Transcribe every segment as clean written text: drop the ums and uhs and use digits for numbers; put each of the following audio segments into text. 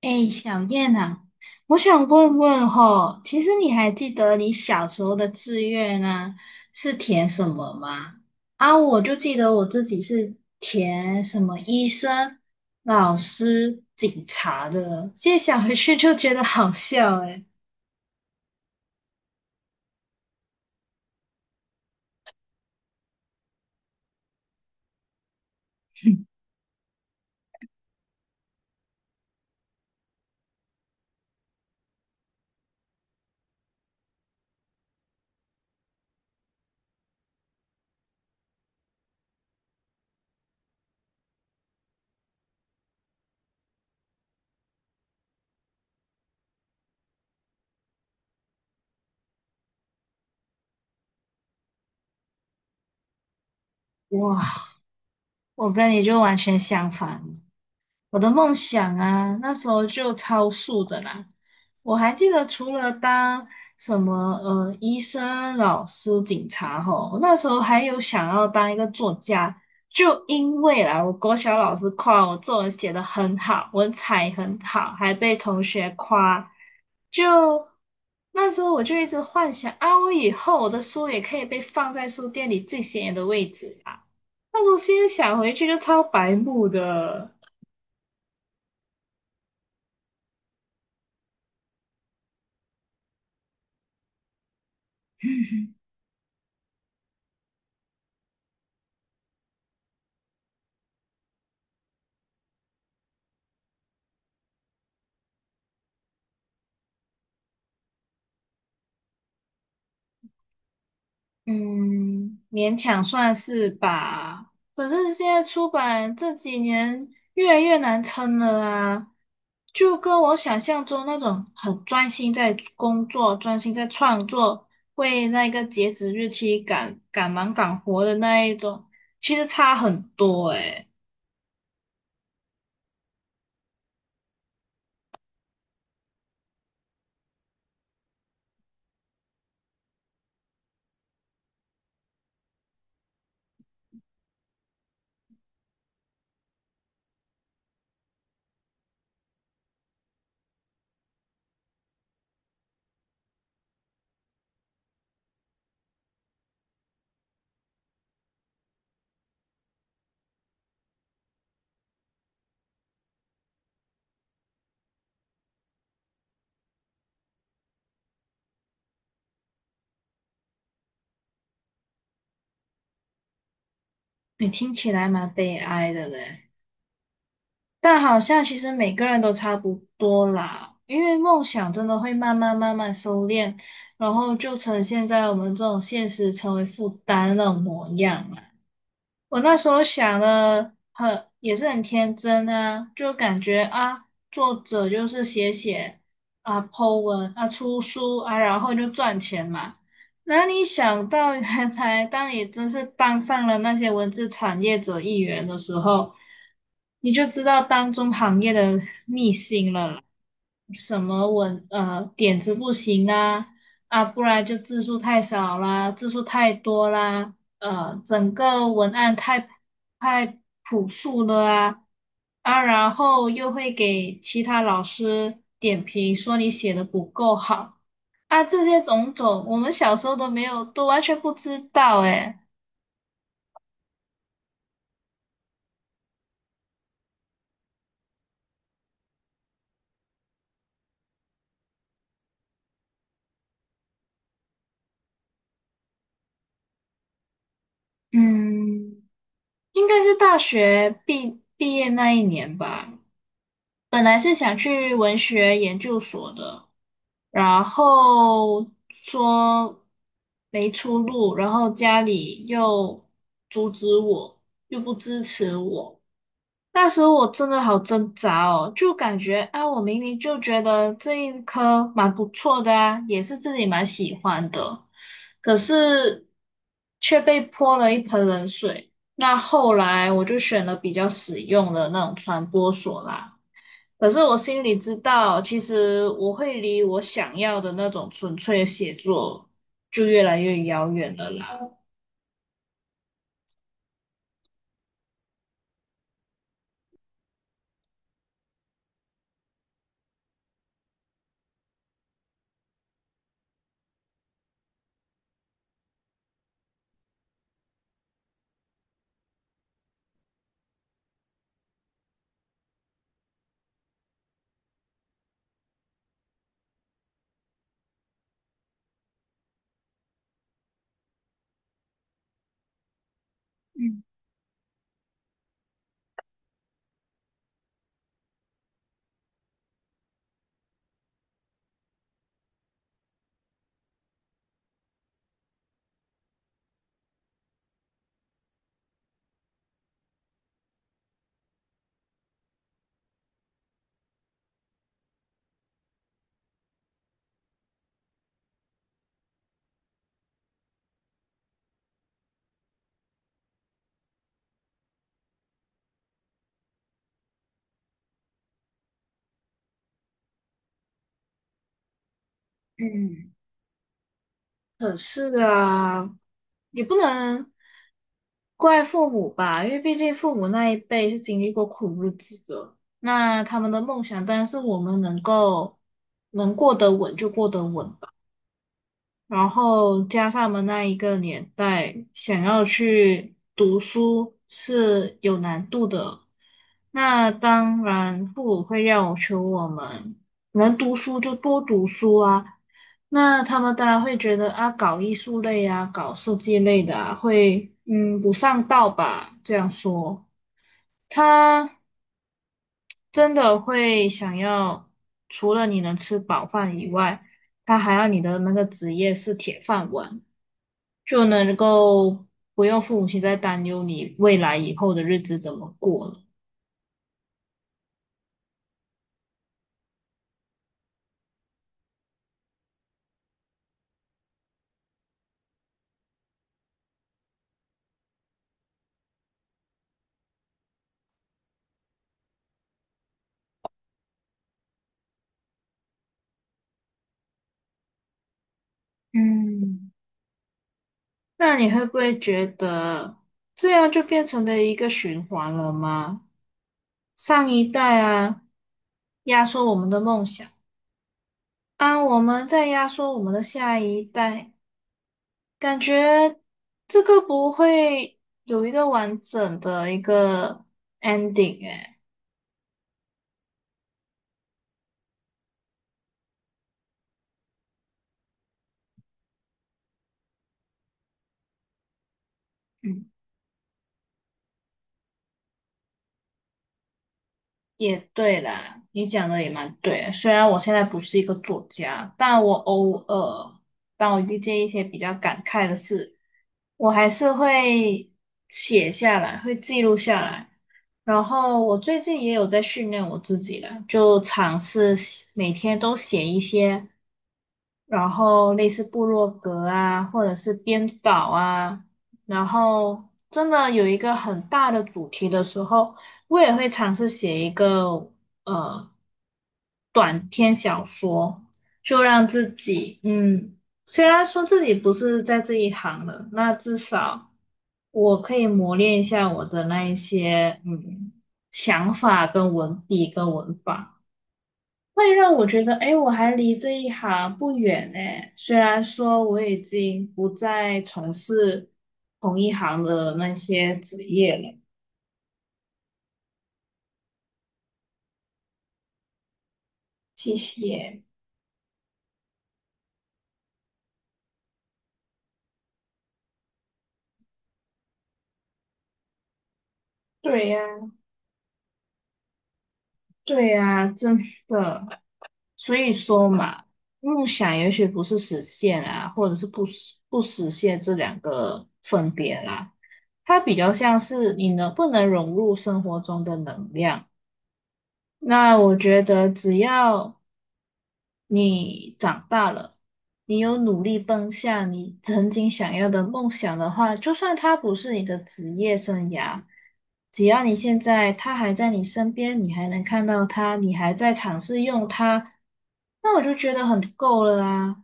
哎，小燕啊，我想问问吼，其实你还记得你小时候的志愿啊，是填什么吗？啊，我就记得我自己是填什么医生、老师、警察的，现在想回去就觉得好笑哎。哇，我跟你就完全相反。我的梦想啊，那时候就超速的啦。我还记得，除了当什么医生、老师、警察吼，我那时候还有想要当一个作家，就因为啦，我国小老师夸我作文写得很好，文采很好，还被同学夸。就那时候我就一直幻想啊，我以后我的书也可以被放在书店里最显眼的位置啊。那时候现在想回去就超白目的。嗯，勉强算是吧。可是现在出版这几年越来越难撑了啊，就跟我想象中那种很专心在工作、专心在创作，为那个截止日期赶赶忙赶活的那一种，其实差很多诶。你听起来蛮悲哀的嘞。但好像其实每个人都差不多啦，因为梦想真的会慢慢慢慢收敛，然后就呈现在我们这种现实成为负担的那种模样啊。我那时候想的很，也是很天真啊，就感觉啊，作者就是写写啊，po 文啊，出书啊，然后就赚钱嘛。哪里想到，原来当你真是当上了那些文字产业者一员的时候，你就知道当中行业的秘辛了啦。什么文点子不行啊啊，不然就字数太少啦，字数太多啦。整个文案太朴素了啊啊，然后又会给其他老师点评，说你写的不够好啊，这些种种，我们小时候都没有，都完全不知道诶。嗯，应该是大学毕业那一年吧，本来是想去文学研究所的。然后说没出路，然后家里又阻止我，又不支持我。那时候我真的好挣扎哦，就感觉啊，我明明就觉得这一科蛮不错的啊，也是自己蛮喜欢的，可是却被泼了一盆冷水。那后来我就选了比较实用的那种传播所啦。可是我心里知道，其实我会离我想要的那种纯粹的写作就越来越遥远了啦。嗯。嗯。可是啊，也不能怪父母吧，因为毕竟父母那一辈是经历过苦日子的，那他们的梦想当然是我们能够能过得稳就过得稳吧。然后加上我们那一个年代，想要去读书是有难度的。那当然，父母会要求我们能读书就多读书啊。那他们当然会觉得啊，搞艺术类啊，搞设计类的啊，会不上道吧？这样说，他真的会想要除了你能吃饱饭以外，他还要你的那个职业是铁饭碗。就能够不用父母亲在担忧你未来以后的日子怎么过了。嗯，那你会不会觉得这样就变成了一个循环了吗？上一代啊，压缩我们的梦想，啊，我们在压缩我们的下一代，感觉这个不会有一个完整的一个 ending 哎。嗯，也对啦，你讲的也蛮对的，虽然我现在不是一个作家，但我偶尔当我遇见一些比较感慨的事，我还是会写下来，会记录下来。然后我最近也有在训练我自己了，就尝试写每天都写一些。然后类似部落格啊，或者是编导啊，然后真的有一个很大的主题的时候，我也会尝试写一个呃短篇小说，就让自己嗯，虽然说自己不是在这一行的，那至少我可以磨练一下我的那一些想法跟文笔跟文法。会让我觉得，哎，我还离这一行不远呢。虽然说我已经不再从事同一行的那些职业了。谢谢。对呀，对呀，真的。所以说嘛，梦想也许不是实现啊，或者是不实现这两个分别啦。它比较像是你能不能融入生活中的能量。那我觉得只要你长大了，你有努力奔向你曾经想要的梦想的话，就算它不是你的职业生涯，只要你现在它还在你身边，你还能看到它，你还在尝试用它，那我就觉得很够了啊。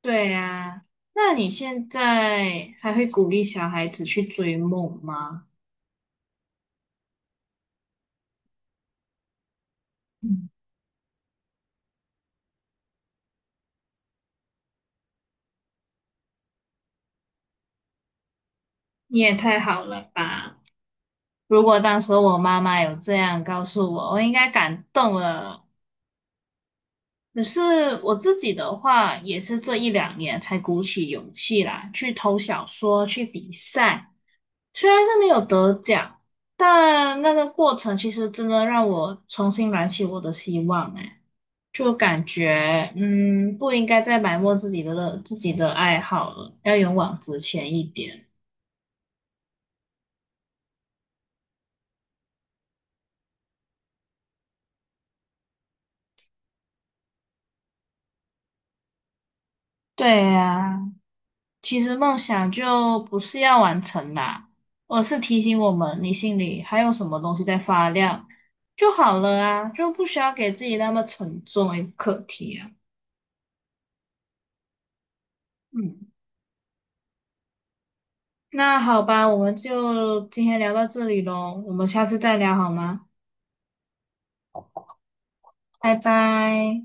对啊，那你现在还会鼓励小孩子去追梦吗？嗯，你也太好了吧！如果当时我妈妈有这样告诉我，我应该感动了。可是我自己的话，也是这一两年才鼓起勇气来去投小说、去比赛。虽然是没有得奖，但那个过程其实真的让我重新燃起我的希望。哎，就感觉嗯，不应该再埋没自己的自己的爱好了，要勇往直前一点。对呀、其实梦想就不是要完成啦，而是提醒我们你心里还有什么东西在发亮就好了啊，就不需要给自己那么沉重一个课题啊。嗯，那好吧，我们就今天聊到这里喽，我们下次再聊好吗？拜拜。